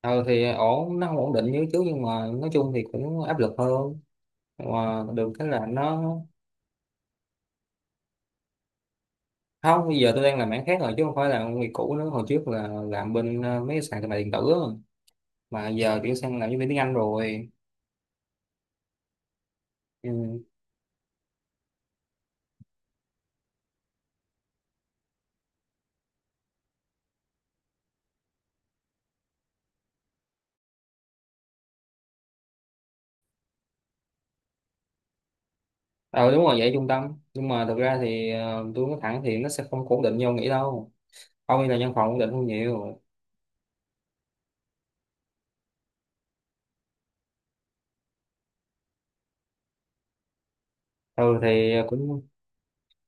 Ờ thì ổn, nó không ổn định như trước nhưng mà nói chung thì cũng áp lực hơn. Mà được cái là nó. Không, bây giờ tôi đang làm mảng khác rồi chứ không phải là công việc cũ nữa. Hồi trước là làm bên mấy cái sàn thương mại điện tử á. Mà giờ chuyển sang làm nhân viên tiếng Anh rồi. Ừ. Ờ, đúng rồi, vậy trung tâm nhưng mà thực ra thì tôi nói thẳng thì nó sẽ không ổn định như ông nghĩ đâu. Ông đi là văn phòng ổn định hơn nhiều. ừ thì cũng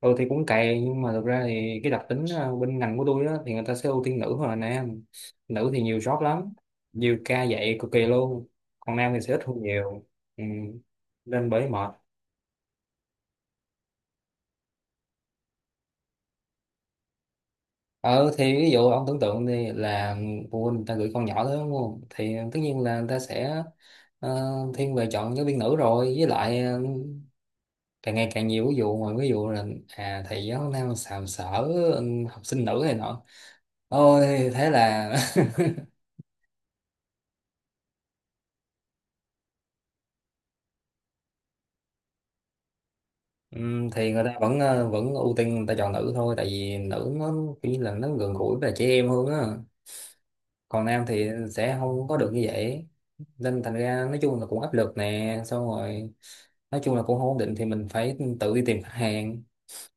ừ thì cũng cày nhưng mà thực ra thì cái đặc tính bên ngành của tôi á thì người ta sẽ ưu tiên nữ hơn là nam. Nữ thì nhiều job lắm, nhiều ca dạy cực kỳ luôn. Còn nam thì sẽ ít hơn nhiều. Ừ. Nên bởi mệt. Ờ thì ví dụ ông tưởng tượng đi là phụ huynh người ta gửi con nhỏ tới đúng không, thì tất nhiên là người ta sẽ ờ, thiên về chọn giáo viên nữ rồi, với lại càng ngày càng nhiều ví dụ, ngoài ví dụ là à thầy giáo nam sàm sỡ, ừ, học sinh nữ này nọ, ôi thế là Ừ, thì người ta vẫn ưu tiên người ta chọn nữ thôi, tại vì nữ nó khi là nó gần gũi với trẻ em hơn á. Còn nam thì sẽ không có được như vậy. Nên thành ra nói chung là cũng áp lực nè, xong rồi nói chung là cũng không ổn định, thì mình phải tự đi tìm khách hàng,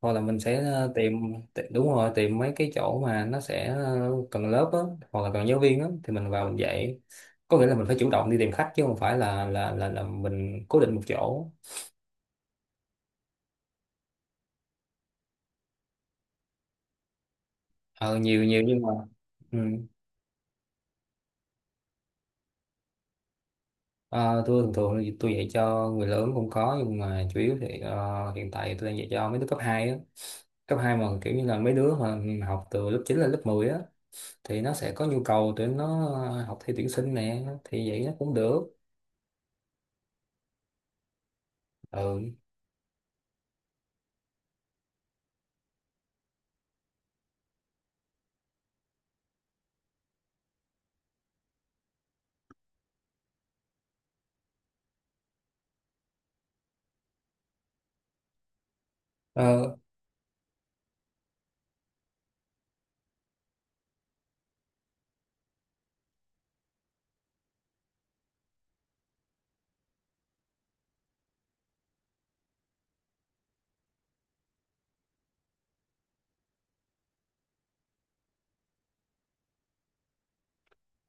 hoặc là mình sẽ tìm. Đúng rồi, tìm mấy cái chỗ mà nó sẽ cần lớp á, hoặc là cần giáo viên á thì mình vào mình dạy. Có nghĩa là mình phải chủ động đi tìm khách chứ không phải là mình cố định một chỗ. Ờ, Nhiều nhiều nhưng mà. Ừ. Ờ, tôi thường thường thì tôi dạy cho người lớn cũng có nhưng mà chủ yếu thì hiện tại tôi đang dạy cho mấy đứa cấp 2 á. Cấp hai mà kiểu như là mấy đứa mà học từ lớp 9 lên lớp 10 á, thì nó sẽ có nhu cầu để nó học thi tuyển sinh nè thì vậy nó cũng được. Ừ. Ờ,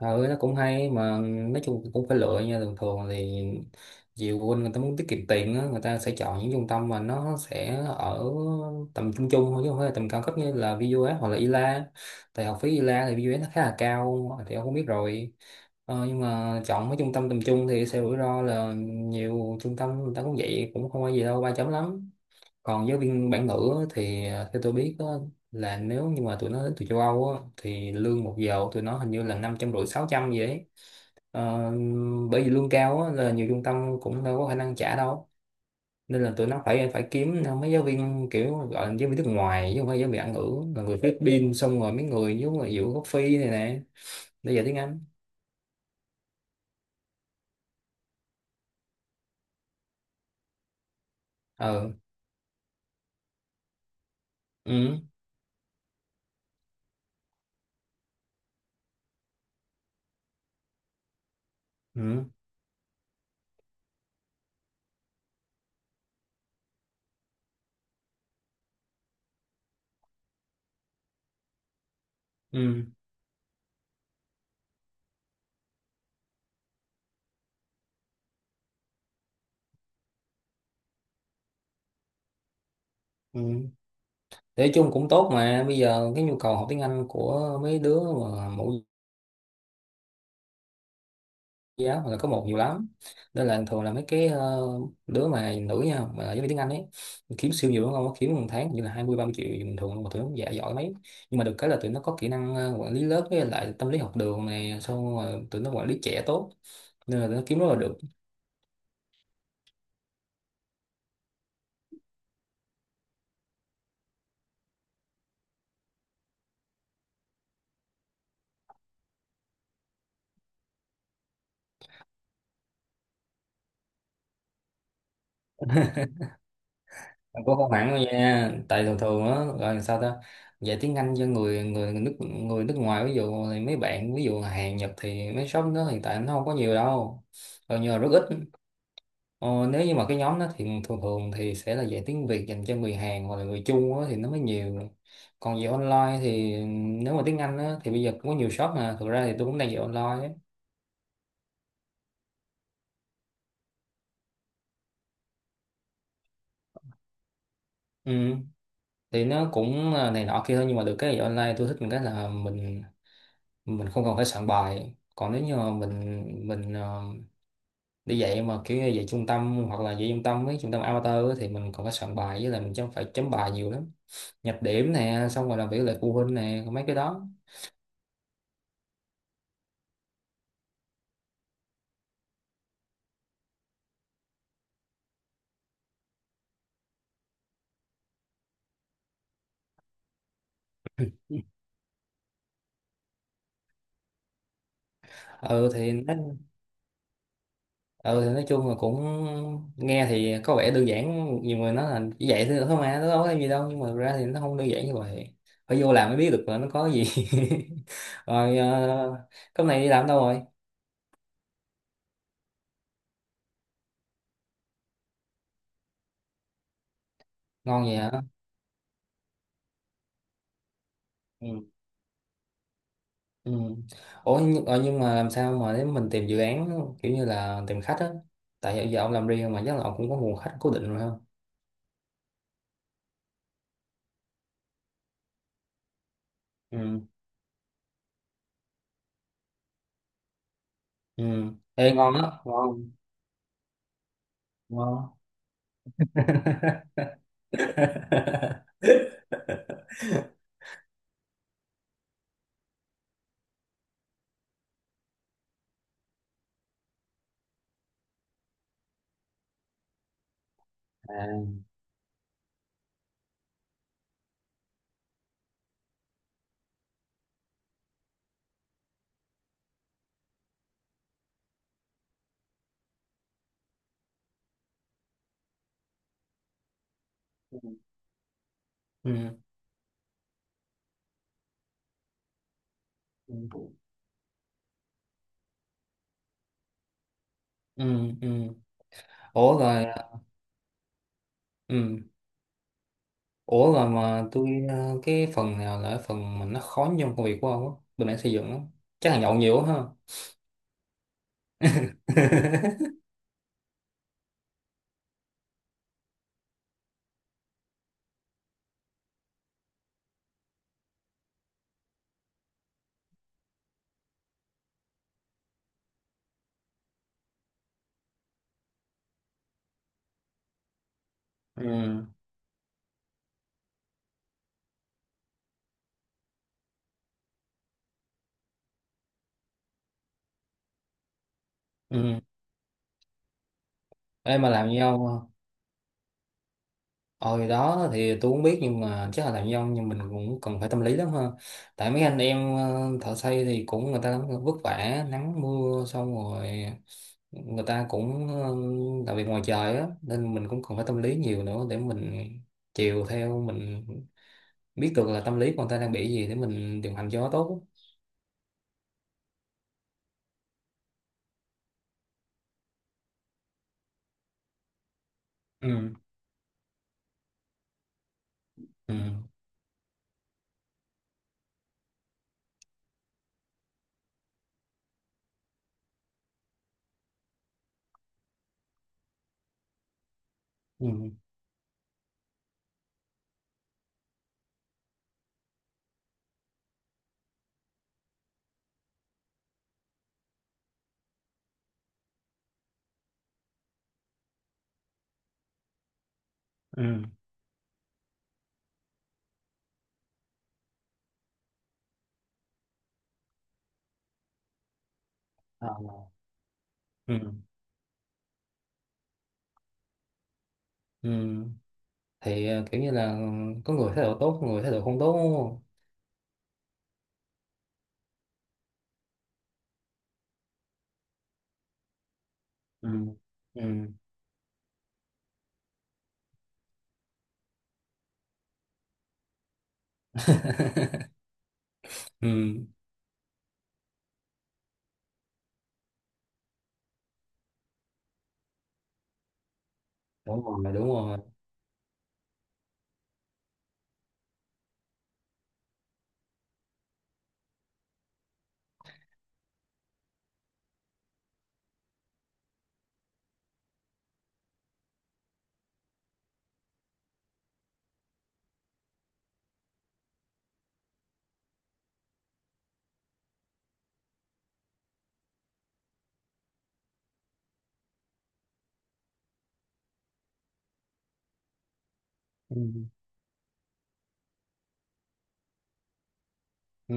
ừ nó cũng hay mà nói chung cũng phải lựa nha. Thường thường thì nhiều phụ huynh người ta muốn tiết kiệm tiền á, người ta sẽ chọn những trung tâm mà nó sẽ ở tầm trung trung thôi chứ không phải là tầm cao cấp như là VUS hoặc là ILA. Tại học phí ILA thì VUS nó khá là cao thì ông không biết rồi. Nhưng mà chọn mấy trung tâm tầm trung thì sẽ rủi ro, là nhiều trung tâm người ta cũng vậy cũng không có gì đâu ba chấm lắm. Còn giáo viên bản ngữ thì à, theo tôi biết á, là nếu như mà tụi nó đến từ châu Âu á, thì lương một giờ của tụi nó hình như là 550 600 vậy ấy. Ờ, bởi vì lương cao á, là nhiều trung tâm cũng đâu có khả năng trả đâu, nên là tụi nó phải phải kiếm mấy giáo viên kiểu gọi là giáo viên nước ngoài chứ không phải giáo viên bản ngữ, là người Philippines xong rồi mấy người giống là giữa gốc Phi này nè để dạy tiếng Anh. Ờ. Ừ. Ừ. Ừ. Ừ. Nói chung cũng tốt mà bây giờ cái nhu cầu học tiếng Anh của mấy đứa mà mẫu giáo hoặc là có một nhiều lắm, nên là thường là mấy cái đứa mà nữ nha mà giáo viên tiếng Anh ấy kiếm siêu nhiều đúng không, kiếm một tháng như là 20 30 triệu bình thường, mà tụi nó dạ giỏi mấy. Nhưng mà được cái là tụi nó có kỹ năng quản lý lớp với lại tâm lý học đường này, xong rồi tụi nó quản lý trẻ tốt, nên là tụi nó kiếm rất là được. Mà cũng không hẳn đâu nha, tại thường thường á gọi là sao ta, dạy tiếng Anh cho người người người nước ngoài ví dụ thì mấy bạn ví dụ Hàn Nhật thì mấy shop đó hiện tại nó không có nhiều đâu, gần như là rất ít. Ờ, nếu như mà cái nhóm đó thì thường thường thì sẽ là dạy tiếng Việt dành cho người Hàn hoặc là người Trung á, thì nó mới nhiều. Còn dạy online thì nếu mà tiếng Anh á, thì bây giờ cũng có nhiều shop, mà thực ra thì tôi cũng đang dạy online á. Ừ. Thì nó cũng là này nọ kia thôi nhưng mà được cái dạy online tôi thích một cái là mình không cần phải soạn bài. Còn nếu như mà mình đi dạy mà kiểu như dạy trung tâm hoặc là dạy trung tâm với trung tâm amateur á, thì mình còn phải soạn bài với lại mình phải chấm bài nhiều lắm. Nhập điểm nè xong rồi làm việc lại phụ huynh nè mấy cái đó. Ừ thì nó. Ừ thì nói chung là cũng nghe thì có vẻ đơn giản. Nhiều người nói là chỉ vậy thôi thôi mà nó đâu có cái gì đâu, nhưng mà thực ra thì nó không đơn giản như vậy. Phải vô làm mới biết được là nó có gì. Rồi. uh, cái này đi làm đâu rồi? Ngon vậy hả? Ừ. Ừ. Ủa nhưng mà làm sao mà để mình tìm dự án, kiểu như là tìm khách á, tại giờ giờ ông làm riêng mà chắc là ông cũng có nguồn khách cố định rồi không? Ừ. Ừ. Ê, ngon đó, ngon ngon. À. Ừ. Ừ. Ừ. Ừ. Ừ. Ủa rồi. Ừ. Ủa rồi mà tôi, cái phần nào là phần mà nó khó nhất trong công việc của ông á, bên mảng xây dựng lắm? Chắc là nhậu nhiều quá ha? Ừ. Ừ. Em mà làm như ông à? Ôi đó thì tôi cũng biết nhưng mà chắc là làm nhân, nhưng mình cũng cần phải tâm lý lắm ha. Tại mấy anh em thợ xây thì cũng người ta cũng vất vả nắng mưa xong rồi người ta cũng làm việc ngoài trời á, nên mình cũng cần phải tâm lý nhiều nữa để mình chiều theo, mình biết được là tâm lý của người ta đang bị gì để mình điều hành cho nó tốt. Ừ. Ừ. Ừ. Ừ. Ờ. Ừ. Ừ. Thì kiểu như là có người thái độ tốt, người thái độ không tốt đúng không? Ừ. Ừ. Ừ. Đúng rồi đúng rồi. Ừ. Ừ.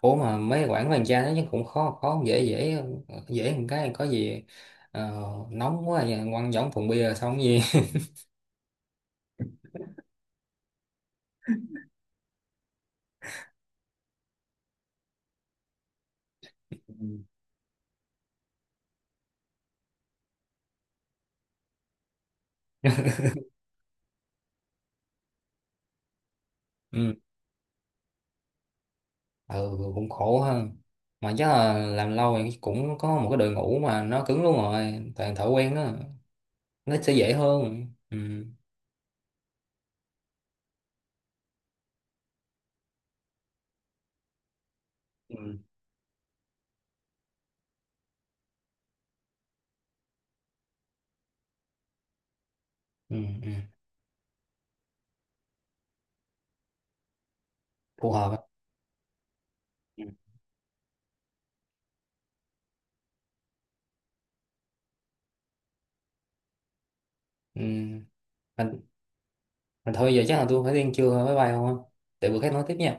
Ủa mà mấy quảng hoàng gia nó chắc cũng khó khó dễ dễ. Dễ một cái có gì, ờ, nóng quá vậy, quăng giống thùng bia xong cái gì. Ừ. Ừ. Ừ, cũng khổ ha. Mà chắc là làm lâu thì cũng có một cái đội ngũ mà nó cứng luôn rồi toàn thợ quen đó, nó sẽ dễ hơn. Ừ. Ừ. Ừ. Ừ. Phù hợp á. Ừ. Ừ. Mà, mà thôi giờ chắc là tôi phải đi ăn trưa rồi bye bye không á. Để bữa khác nói tiếp nha.